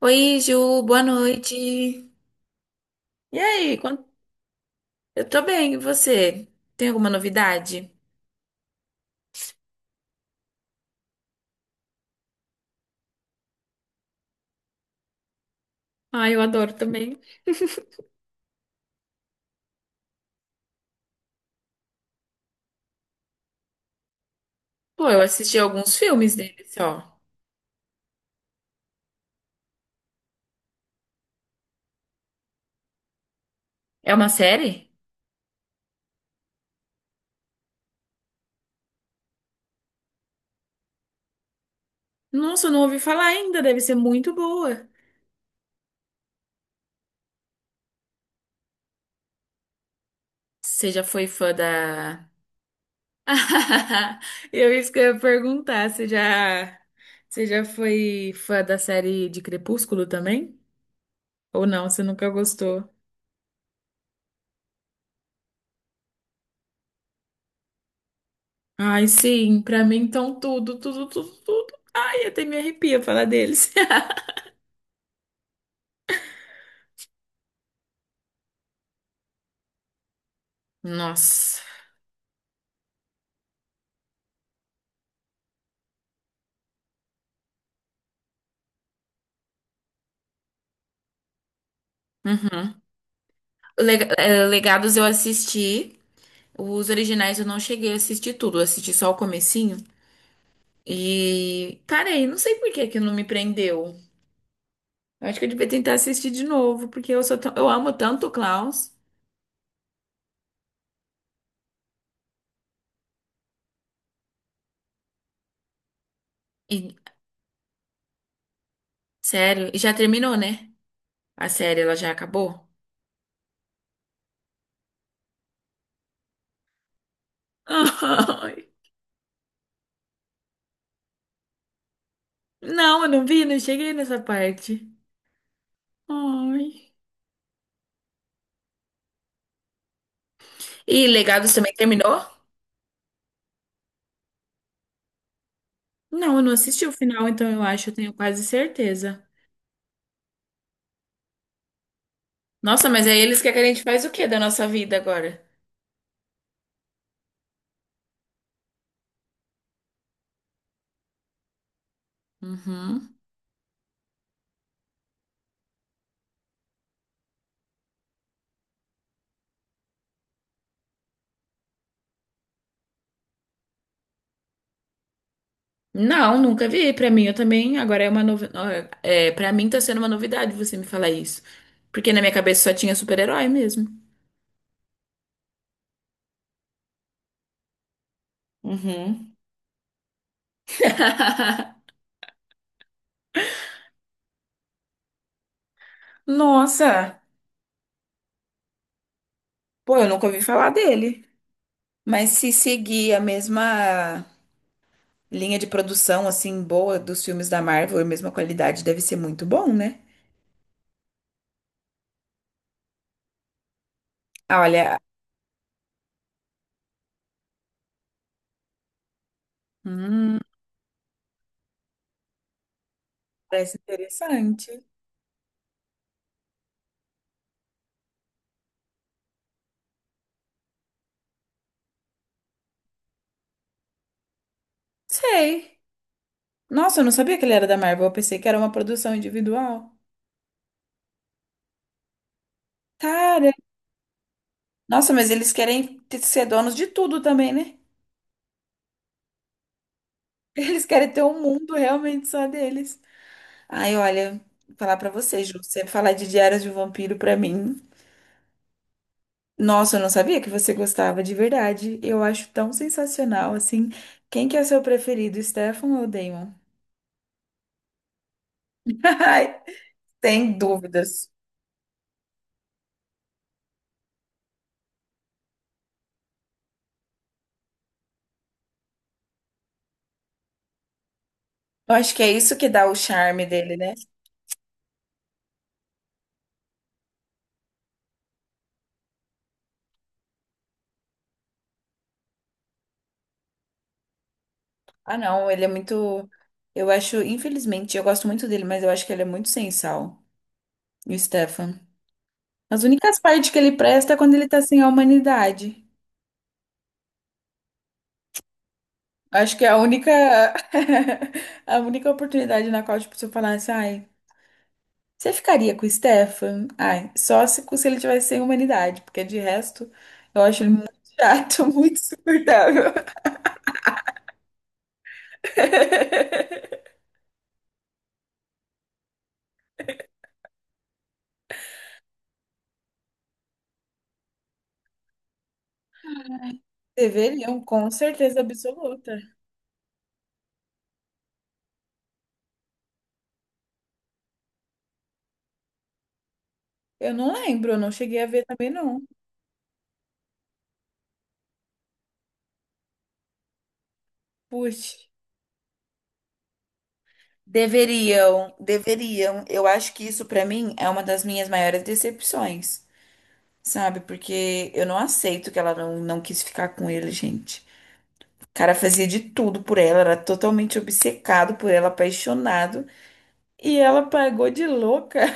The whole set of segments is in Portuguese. Oi, Ju, boa noite. E aí, quan- eu tô bem, e você? Tem alguma novidade? Ah, eu adoro também. Pô, eu assisti alguns filmes dele só. É uma série? Nossa, eu não ouvi falar ainda, deve ser muito boa. Você já foi fã da. Eu isso que eu ia perguntar, você já foi fã da série de Crepúsculo também? Ou não, você nunca gostou? Ai, sim, pra mim então tudo, tudo, tudo, tudo. Ai, até me arrepia falar deles. Nossa. Uhum. Legados eu assisti. Os originais eu não cheguei a assistir tudo. Eu assisti só o comecinho. E parei. Não sei por que que não me prendeu. Eu acho que eu devia tentar assistir de novo, porque eu sou eu amo tanto o Klaus. E, sério, e já terminou, né? A série, ela já acabou? Ai. Não, eu não vi, não cheguei nessa parte. Ai. E Legados também terminou? Não, eu não assisti o final, então eu acho, eu tenho quase certeza. Nossa, mas aí eles querem que a gente faz o quê da nossa vida agora? Uhum. Não, nunca vi. Pra mim, eu também. Agora é uma novidade. É, para mim tá sendo uma novidade você me falar isso. Porque na minha cabeça só tinha super-herói mesmo. Uhum. Nossa, pô, eu nunca ouvi falar dele. Mas se seguir a mesma linha de produção, assim, boa dos filmes da Marvel, a mesma qualidade, deve ser muito bom, né? Ah, olha. Hum, parece interessante. Sei. Nossa, eu não sabia que ele era da Marvel. Eu pensei que era uma produção individual. Cara, nossa, mas eles querem ser donos de tudo também, né? Eles querem ter um mundo realmente só deles. Ai, olha, vou falar pra você, Ju, você falar de Diários de um Vampiro pra mim. Nossa, eu não sabia que você gostava de verdade. Eu acho tão sensacional, assim. Quem que é seu preferido, Stefan ou Damon? Ai, sem dúvidas. Eu acho que é isso que dá o charme dele, né? Ah, não, ele é muito. Eu acho, infelizmente, eu gosto muito dele, mas eu acho que ele é muito sem sal, o Stefan. As únicas partes que ele presta é quando ele tá sem a humanidade. Acho que é a única. A única oportunidade na qual, tipo, se eu falasse, ai, você ficaria com o Stefan? Ai, só se ele tivesse sem humanidade, porque de resto, eu acho ele muito chato, muito insuportável. Deveriam, com certeza absoluta. Eu não lembro, eu não cheguei a ver também, não. Puxa. Deveriam, deveriam. Eu acho que isso pra mim é uma das minhas maiores decepções, sabe? Porque eu não aceito que ela não, não quis ficar com ele, gente. O cara fazia de tudo por ela, era totalmente obcecado por ela, apaixonado, e ela pagou de louca.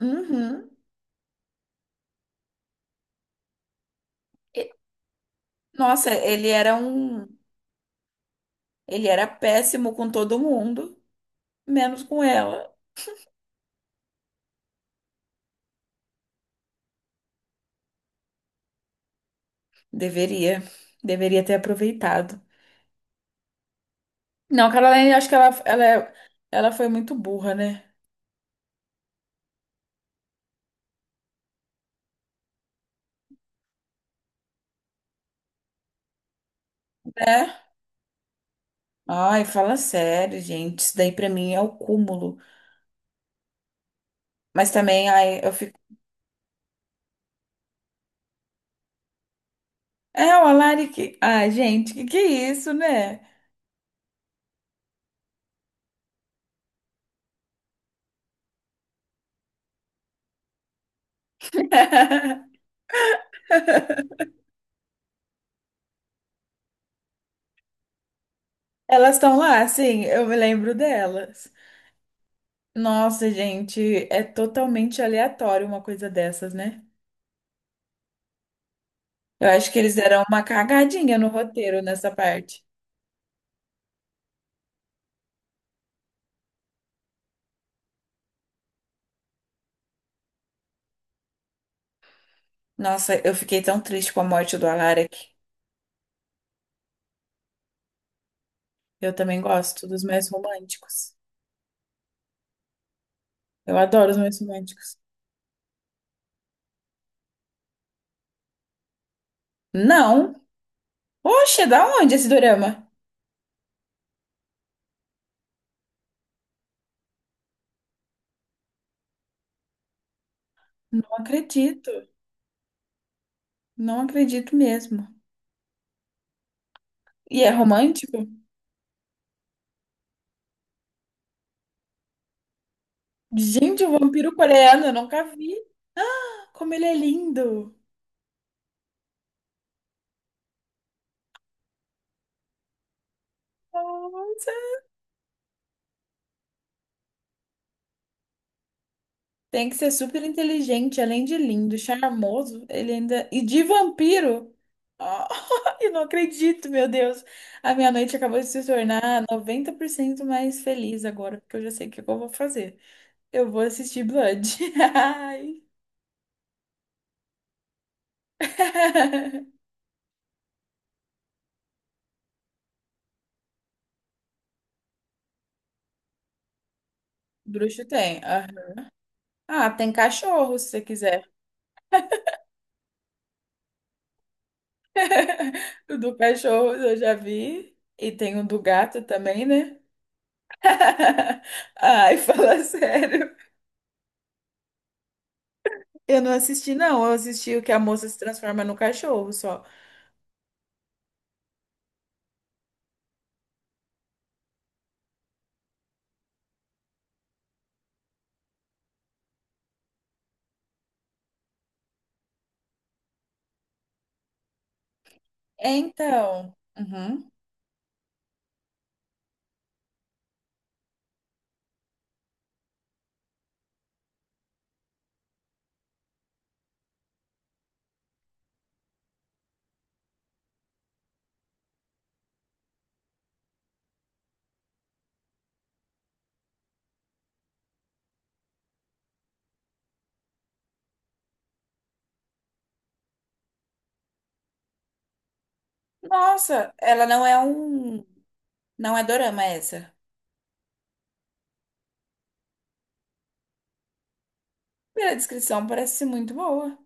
Uhum. E- Nossa, ele era um, ele era péssimo com todo mundo, menos com ela. Deveria, deveria ter aproveitado. Não, Caroline, acho que é- ela foi muito burra, né? Né? Ai, fala sério, gente. Isso daí pra mim é o cúmulo. Mas também, ai, eu fico. É, o Alaric. Ai, gente, que é isso, né? Elas estão lá, sim, eu me lembro delas. Nossa, gente, é totalmente aleatório uma coisa dessas, né? Eu acho que eles deram uma cagadinha no roteiro nessa parte. Nossa, eu fiquei tão triste com a morte do Alaric. Eu também gosto dos mais românticos. Eu adoro os mais românticos. Não! Poxa, da onde esse dorama? Não acredito, não acredito mesmo. E é romântico? Gente, o vampiro coreano, eu nunca vi. Como ele é lindo. Nossa. Tem que ser super inteligente, além de lindo, charmoso, ele ainda. E de vampiro? Ah, eu não acredito, meu Deus. A minha noite acabou de se tornar 90% mais feliz agora, porque eu já sei o que eu vou fazer. Eu vou assistir Blood. Ai. Bruxo tem, aham. Ah, tem cachorro, se você quiser. O do cachorro eu já vi. E tem o do gato também, né? Ai, fala sério. Eu não assisti, não. Eu assisti o que a moça se transforma no cachorro só. Então, uhum. Nossa, ela não é um. Não é dorama essa. Pela descrição, parece ser muito boa.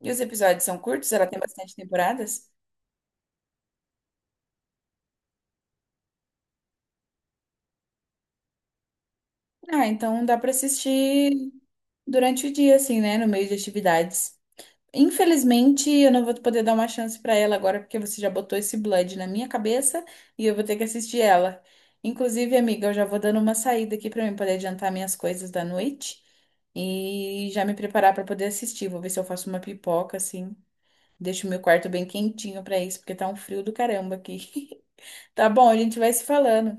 E os episódios são curtos, ela tem bastante temporadas. Ah, então dá pra assistir durante o dia, assim, né? No meio de atividades. Infelizmente, eu não vou poder dar uma chance pra ela agora, porque você já botou esse Blood na minha cabeça e eu vou ter que assistir ela. Inclusive, amiga, eu já vou dando uma saída aqui pra mim poder adiantar minhas coisas da noite e já me preparar pra poder assistir. Vou ver se eu faço uma pipoca assim, deixo o meu quarto bem quentinho pra isso, porque tá um frio do caramba aqui. Tá bom, a gente vai se falando.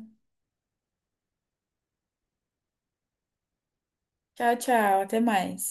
Tchau, tchau, até mais.